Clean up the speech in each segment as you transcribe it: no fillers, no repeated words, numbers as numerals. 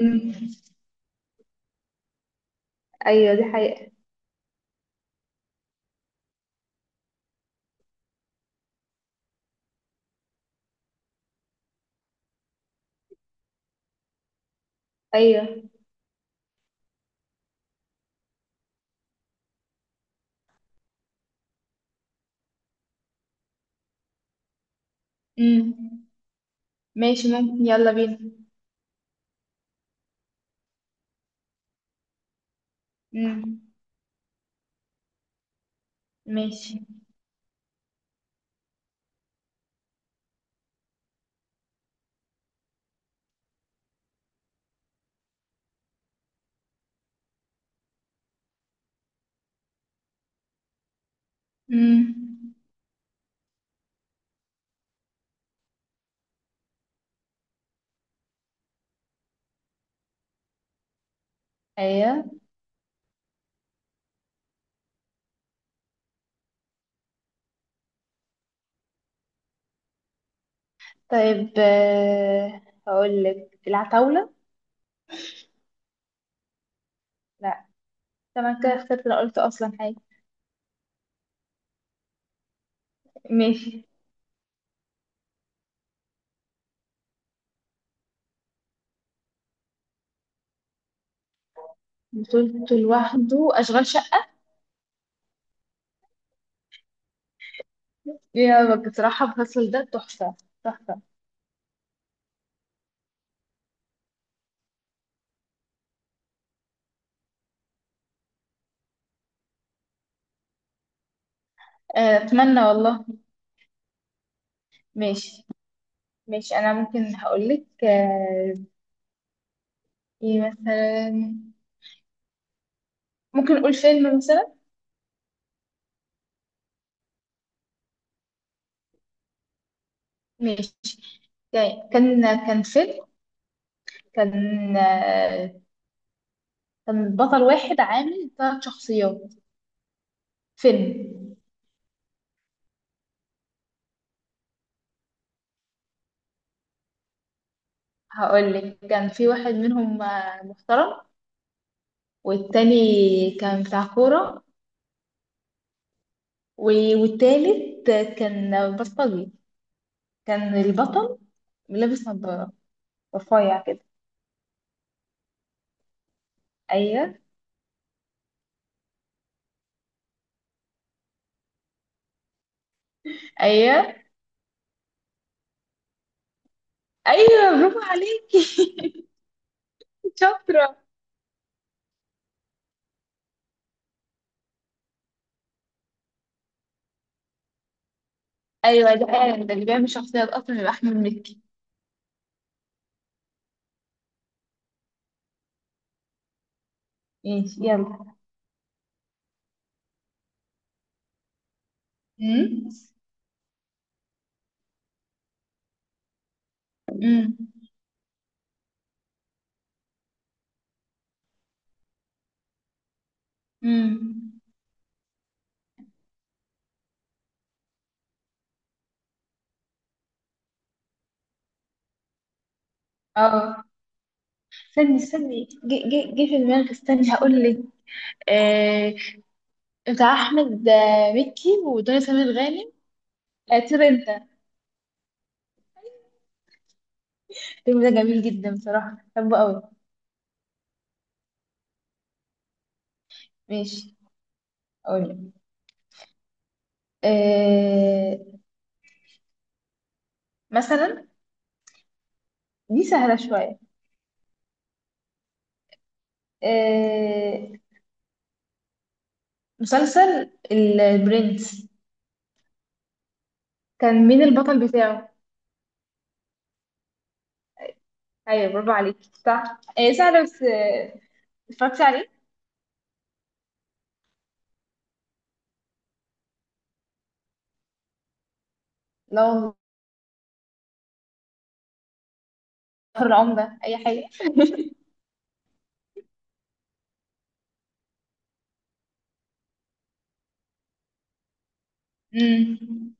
امم. ايوه، دي حقيقة. ايوه. امم. ماشي، ممكن، يلا بينا. امم. ماشي. امم. ايوه. طيب، هقول لك العتاولة. لا. طبعا كده اخترت لو قلت اصلا حاجة. ماشي. بطولته لوحده، اشغال شقة. يا بصراحة، الفصل ده تحفة. تحفة. اتمنى والله. ماشي. ماشي، انا ممكن هقول لك. ايه مثلا؟ ممكن نقول فيلم مثلا. ماشي. يعني كان، كان فيلم. كان، آه، كان بطل واحد عامل ثلاث شخصيات. فيلم. هقول لك كان في واحد منهم محترم. والتاني كان بتاع كورة. والتالت كان بلطجي. كان البطل لابس نظارة، رفيع كده. ايوه، ايوه، ايوه، برافو عليكي. شاطرة. ايوه، ده فعلا، ده اللي بيعمل شخصيات اصلا يبقى احمد مكي. ماشي، يلا. امم. امم. اه. استني، استني، جه، جه، جه في دماغي، استني هقول لك. آه بتاع احمد مكي ودنيا سمير غانم. طير انت. الفيلم ده جميل جدا، بصراحه بحبه قوي. ماشي. اقول لك آه مثلا. دي سهله شويه. آه مسلسل البرنس. كان مين البطل بتاعه؟ ايوه، برافو عليك، صح، سهله، بس. اتفرجتي عليه؟ لو. العمدة، اي حاجه. امم.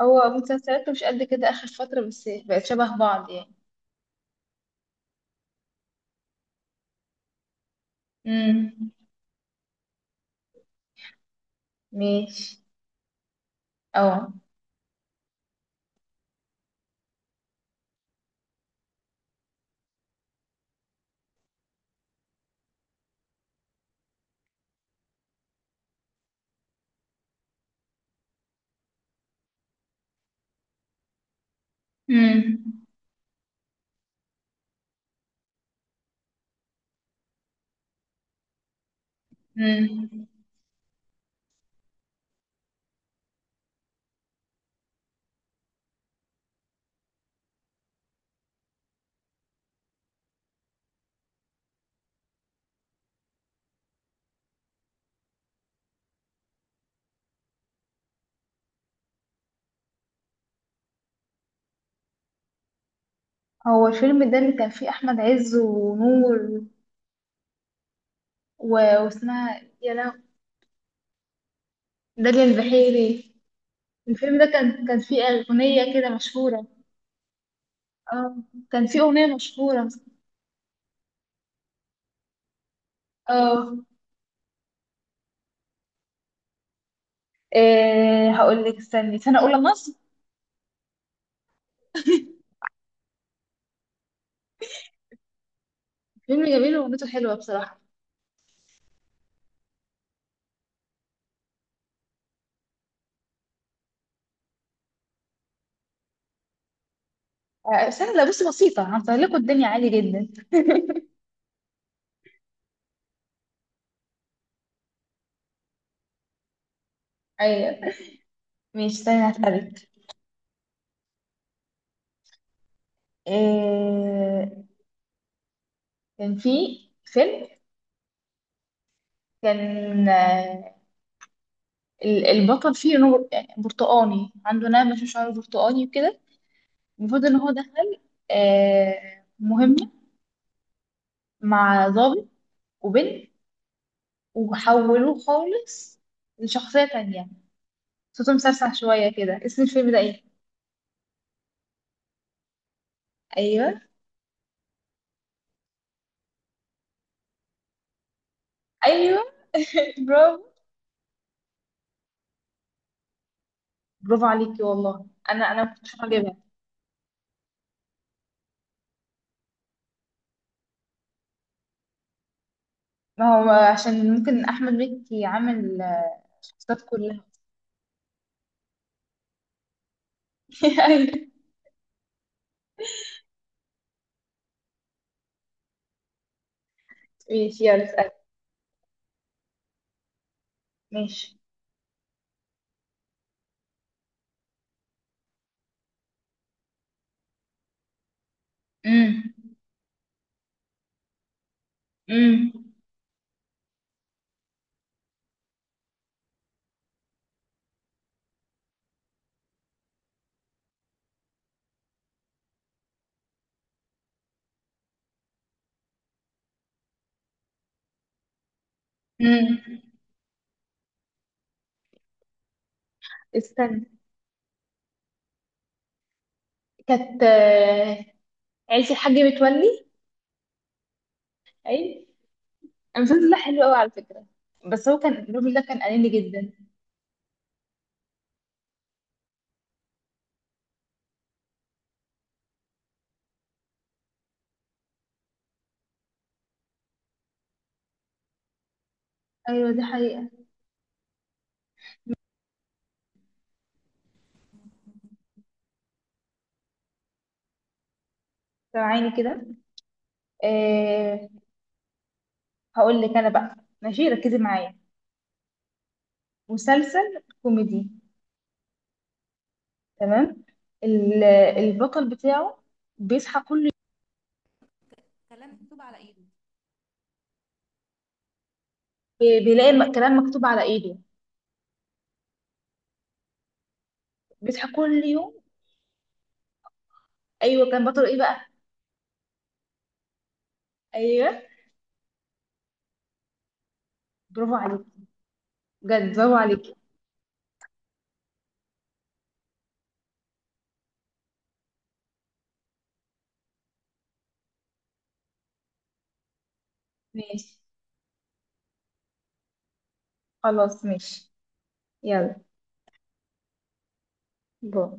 هو مسلسلاته مش قد كده آخر فترة، بس بقت شبه بعض يعني. امم. ماشي. اه. امم. امم. هو الفيلم ده اللي كان فيه أحمد عز ونور و... واسمها، يا لهو. داليا البحيري. الفيلم ده كان فيه أغنية كده مشهورة. اه. كان فيه أغنية مشهورة. اه. إيه، هقول لك، استني، سنة أولى مصر. فيلم جميل وأغنيته حلوة بصراحة. سنة، لا بصي، بسيطة، هنسهل لكم الدنيا عادي جدا. أيوة. مش، استني، هسألك. آه، كان في فيلم. كان، البطل فيه نور يعني برتقاني، عنده نعمة في شعره برتقاني وكده. المفروض ان هو دخل مهمة مع ضابط وبنت، وحولوه خالص لشخصية تانية. صوته مسرسع شوية كده، اسم الفيلم ده ايه؟ ايوه. ايوه، برافو. برافو عليكي والله. انا ما كنتش هجيبها. ما هو عشان ممكن احمد مكي عامل الشخصيات كلها. أيوة. ماشي، يلا اسأل. ماشي. امم. امم. امم. استنى. كانت. عيلة الحاج متولي. اي، المسلسل ده حلو قوي على فكرة. بس هو كان الراجل ده كان قليل جدا. ايوه، دي حقيقة. سامعيني كده؟ أه. هقول لك انا بقى. ماشي، ركزي معايا. مسلسل كوميدي. تمام. ال- البطل بتاعه بيصحى كل يوم. بيلاقي كلام مكتوب على ايده. بيصحى كل يوم. ايوه، كان بطل ايه بقى؟ ايوه، برافو عليك. بجد، برافو عليك. ماشي، خلاص، ماشي. يلا. باي.